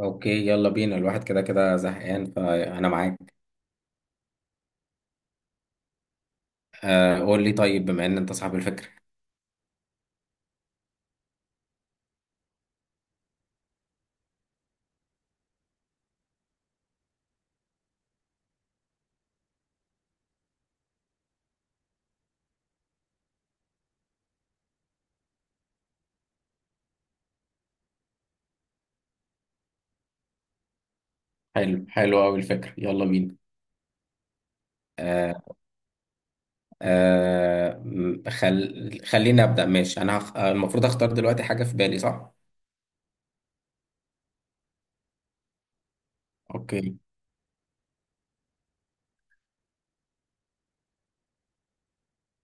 اوكي، يلا بينا. الواحد كده كده زهقان فانا معاك. آه، قول لي طيب، بما ان انت صاحب الفكرة. حلو، حلو قوي الفكرة، يلا بينا. آه، آه، خليني ابدا، ماشي. انا هخ... آه، المفروض اختار دلوقتي حاجة في بالي، صح؟ اوكي.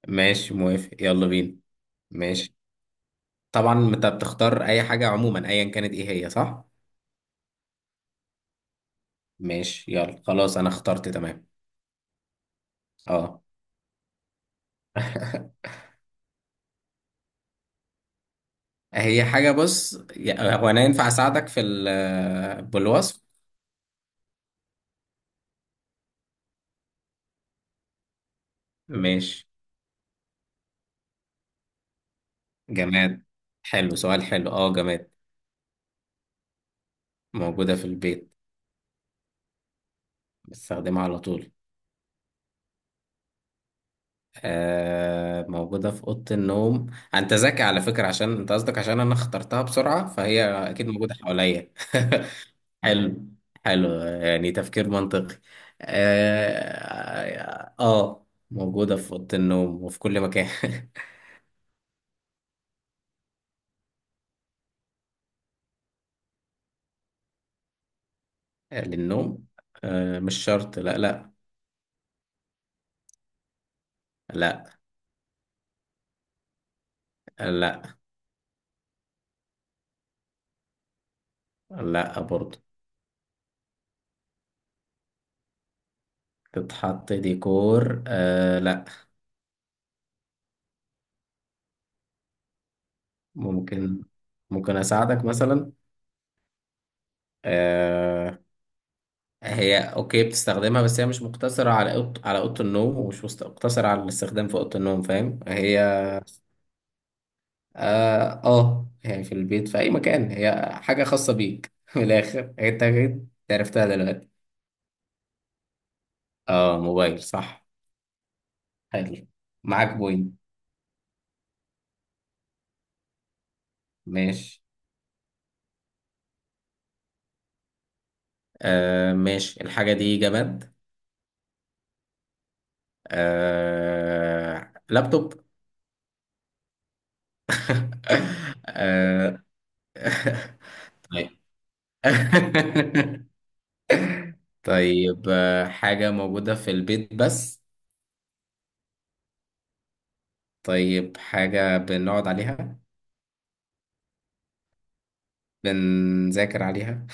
ماشي موافق، يلا بينا. ماشي. طبعا انت بتختار اي حاجة عموما، ايا كانت ايه هي، صح. ماشي، يلا خلاص انا اخترت، تمام. اه. هي حاجة. بص هو انا ينفع اساعدك بالوصف؟ ماشي. جماد. حلو، سؤال حلو، اه، جماد. موجودة في البيت. بستخدمها على طول. آه، موجودة في أوضة النوم. أنت ذكي على فكرة، عشان أنت قصدك عشان أنا اخترتها بسرعة فهي أكيد موجودة حواليا. حلو. حلو، يعني تفكير منطقي. آه, آه، موجودة في أوضة النوم وفي كل مكان. للنوم. آه، مش شرط، لا لا لا. لا. لا برضه. تتحط ديكور؟ آه، لا. ممكن. ممكن اساعدك مثلا. آه. هي اوكي بتستخدمها، بس هي مش مقتصرة على على اوضة النوم، ومش مقتصرة على الاستخدام في اوضة النوم، فاهم؟ هي اه، آه، يعني في البيت في اي مكان، هي حاجة خاصة بيك. من الاخر انت أكيد عرفتها دلوقتي. اه، موبايل، صح. حلو. معاك بوينت. ماشي. آه، ماشي. الحاجة دي جماد. آه، لابتوب. آه. طيب. طيب، حاجة موجودة في البيت بس. طيب، حاجة بنقعد عليها. بنذاكر عليها.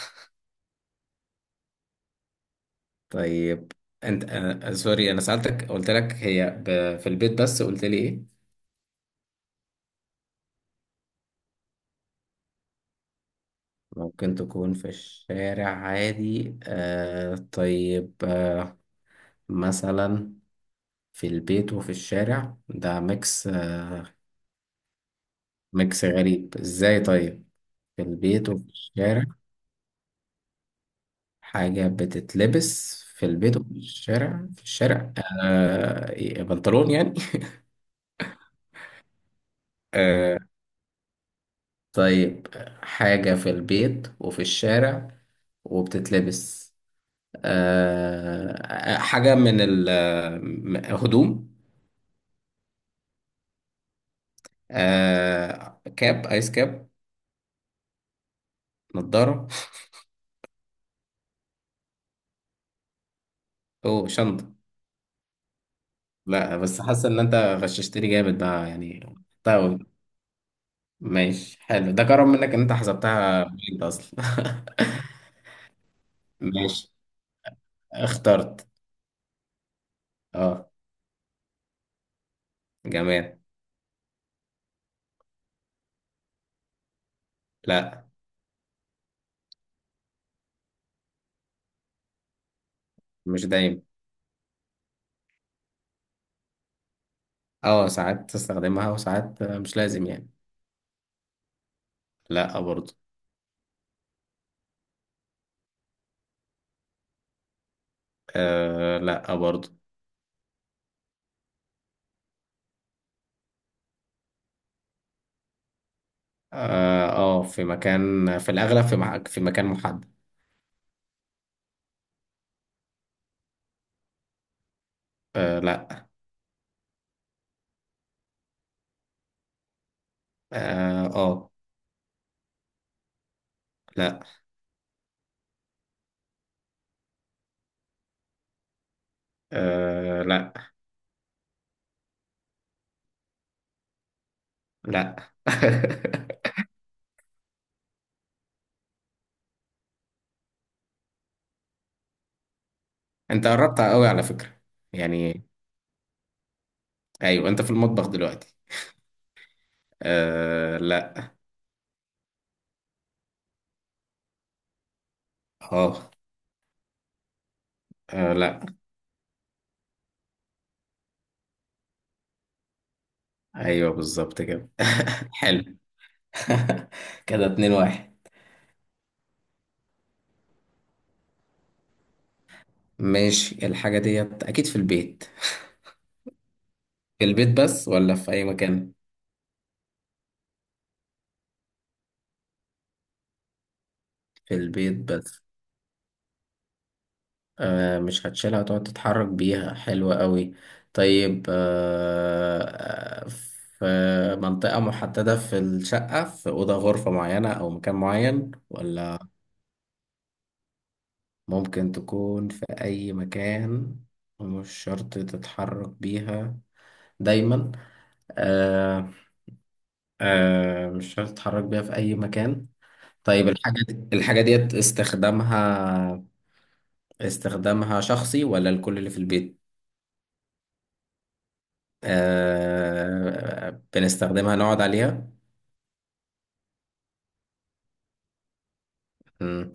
طيب. انت سوري، انا سألتك قلت لك هي في البيت بس، قلت لي ايه. ممكن تكون في الشارع عادي، آه، طيب، آه. مثلا. في البيت وفي الشارع، ده ميكس، آه. ميكس غريب، ازاي؟ طيب. في البيت وفي الشارع. حاجة بتتلبس في البيت وفي الشارع، في الشارع. آه، إيه، بنطلون يعني؟ آه، طيب. حاجة في البيت وفي الشارع وبتتلبس. آه، حاجة من الهدوم. آه، ايس كاب. نضارة. او شنطة. لا، بس حاسة ان انت غششتني جامد بقى، يعني. طيب. ماشي، حلو، ده كرم منك ان انت حسبتها بجد اصلا. ماشي. اخترت. اه. جماد. لا. مش دايما. اه، ساعات تستخدمها وساعات مش لازم، يعني. لا برضو. آه، لا برضو. اه، آه، في مكان، في الأغلب في مكان محدد. آه، لا. اه. آه، لا. آه، لا. لا. انت قربت قوي على فكرة، يعني. ايوه، انت في المطبخ دلوقتي. آه، لا. اه. آه، لا. ايوه، بالظبط كده. حلو. كده 2-1. ماشي. الحاجة ديت أكيد في البيت. في البيت بس ولا في أي مكان؟ في البيت بس. آه، مش هتشيلها تقعد تتحرك بيها، حلوة قوي. طيب، آه. آه، في منطقة محددة في الشقة، في أوضة غرفة معينة أو مكان معين ولا؟ ممكن تكون في أي مكان. ومش شرط تتحرك بيها دايما. آه. آه، مش شرط تتحرك بيها في أي مكان. طيب، الحاجة ديت استخدامها، استخدامها شخصي ولا الكل اللي في البيت؟ آه... بنستخدمها نقعد عليها؟ مم.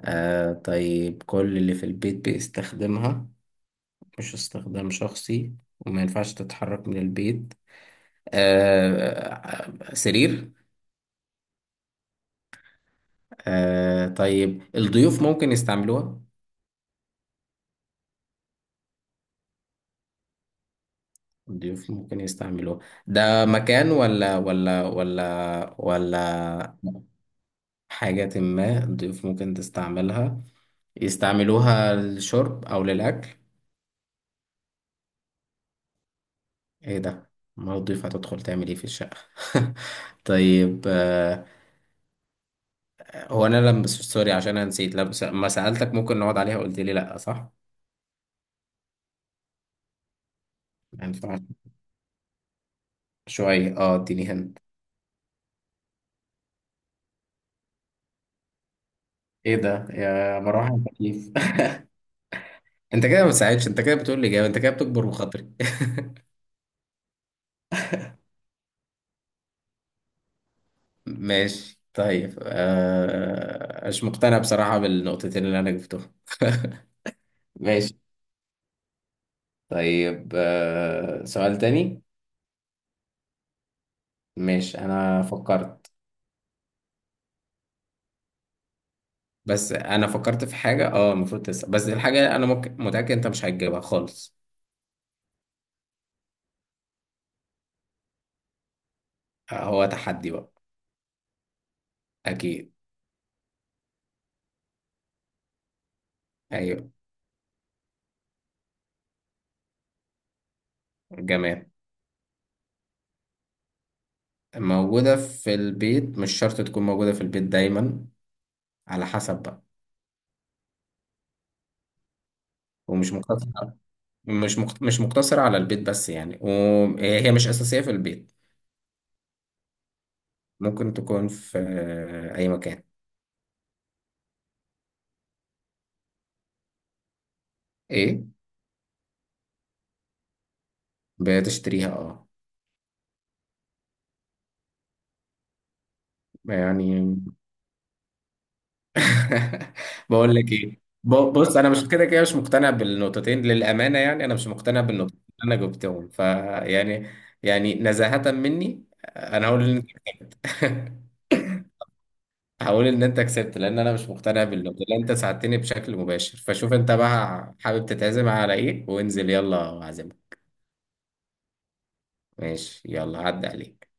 آه... طيب كل اللي في البيت بيستخدمها، مش استخدام شخصي، وما ينفعش تتحرك من البيت. آه... سرير؟ آه... طيب، الضيوف ممكن يستعملوها؟ الضيوف ممكن يستعملوها. ده مكان ولا حاجة ما. الضيوف ممكن تستعملها، يستعملوها للشرب أو للأكل. إيه ده؟ ما الضيوف هتدخل تعمل إيه في الشقة؟ طيب، آه، هو أنا لما سوري عشان أنا نسيت، لما ما سألتك ممكن نقعد عليها قلت لي لأ، صح؟ يعني فعلا. شوية إديني هند. إيه ده، يا مروحة يا تكييف؟ أنت كده ما بتساعدش، أنت كده بتقول لي جاوب، أنت كده بتكبر بخاطري. ماشي. طيب، مش مقتنع بصراحة بالنقطتين اللي أنا جبتهم. ماشي. طيب، سؤال تاني. ماشي، انا فكرت. بس انا فكرت في حاجة، المفروض تسأل، بس الحاجة انا ممكن متأكد انت مش هتجيبها خالص. آه، هو تحدي بقى. اكيد. ايوه. جماد. موجودة في البيت، مش شرط تكون موجودة في البيت دايما. على حسب بقى. ومش مقتصرة. مش مقتصرة على البيت بس، يعني وهي مش أساسية في البيت. ممكن تكون في أي مكان. إيه؟ بتشتريها، اه. يعني. بقول لك ايه، بص انا مش كده كده مش مقتنع بالنقطتين، للامانه يعني انا مش مقتنع بالنقطتين اللي انا جبتهم، فيعني يعني نزاهه مني، انا هقول ان... هقول ان انت كسبت، لان انا مش مقتنع بالنقطه اللي انت ساعدتني بشكل مباشر، فشوف انت بقى حابب تتعزم على ايه وانزل يلا اعزمك. ماشي، يلا عدى عليك.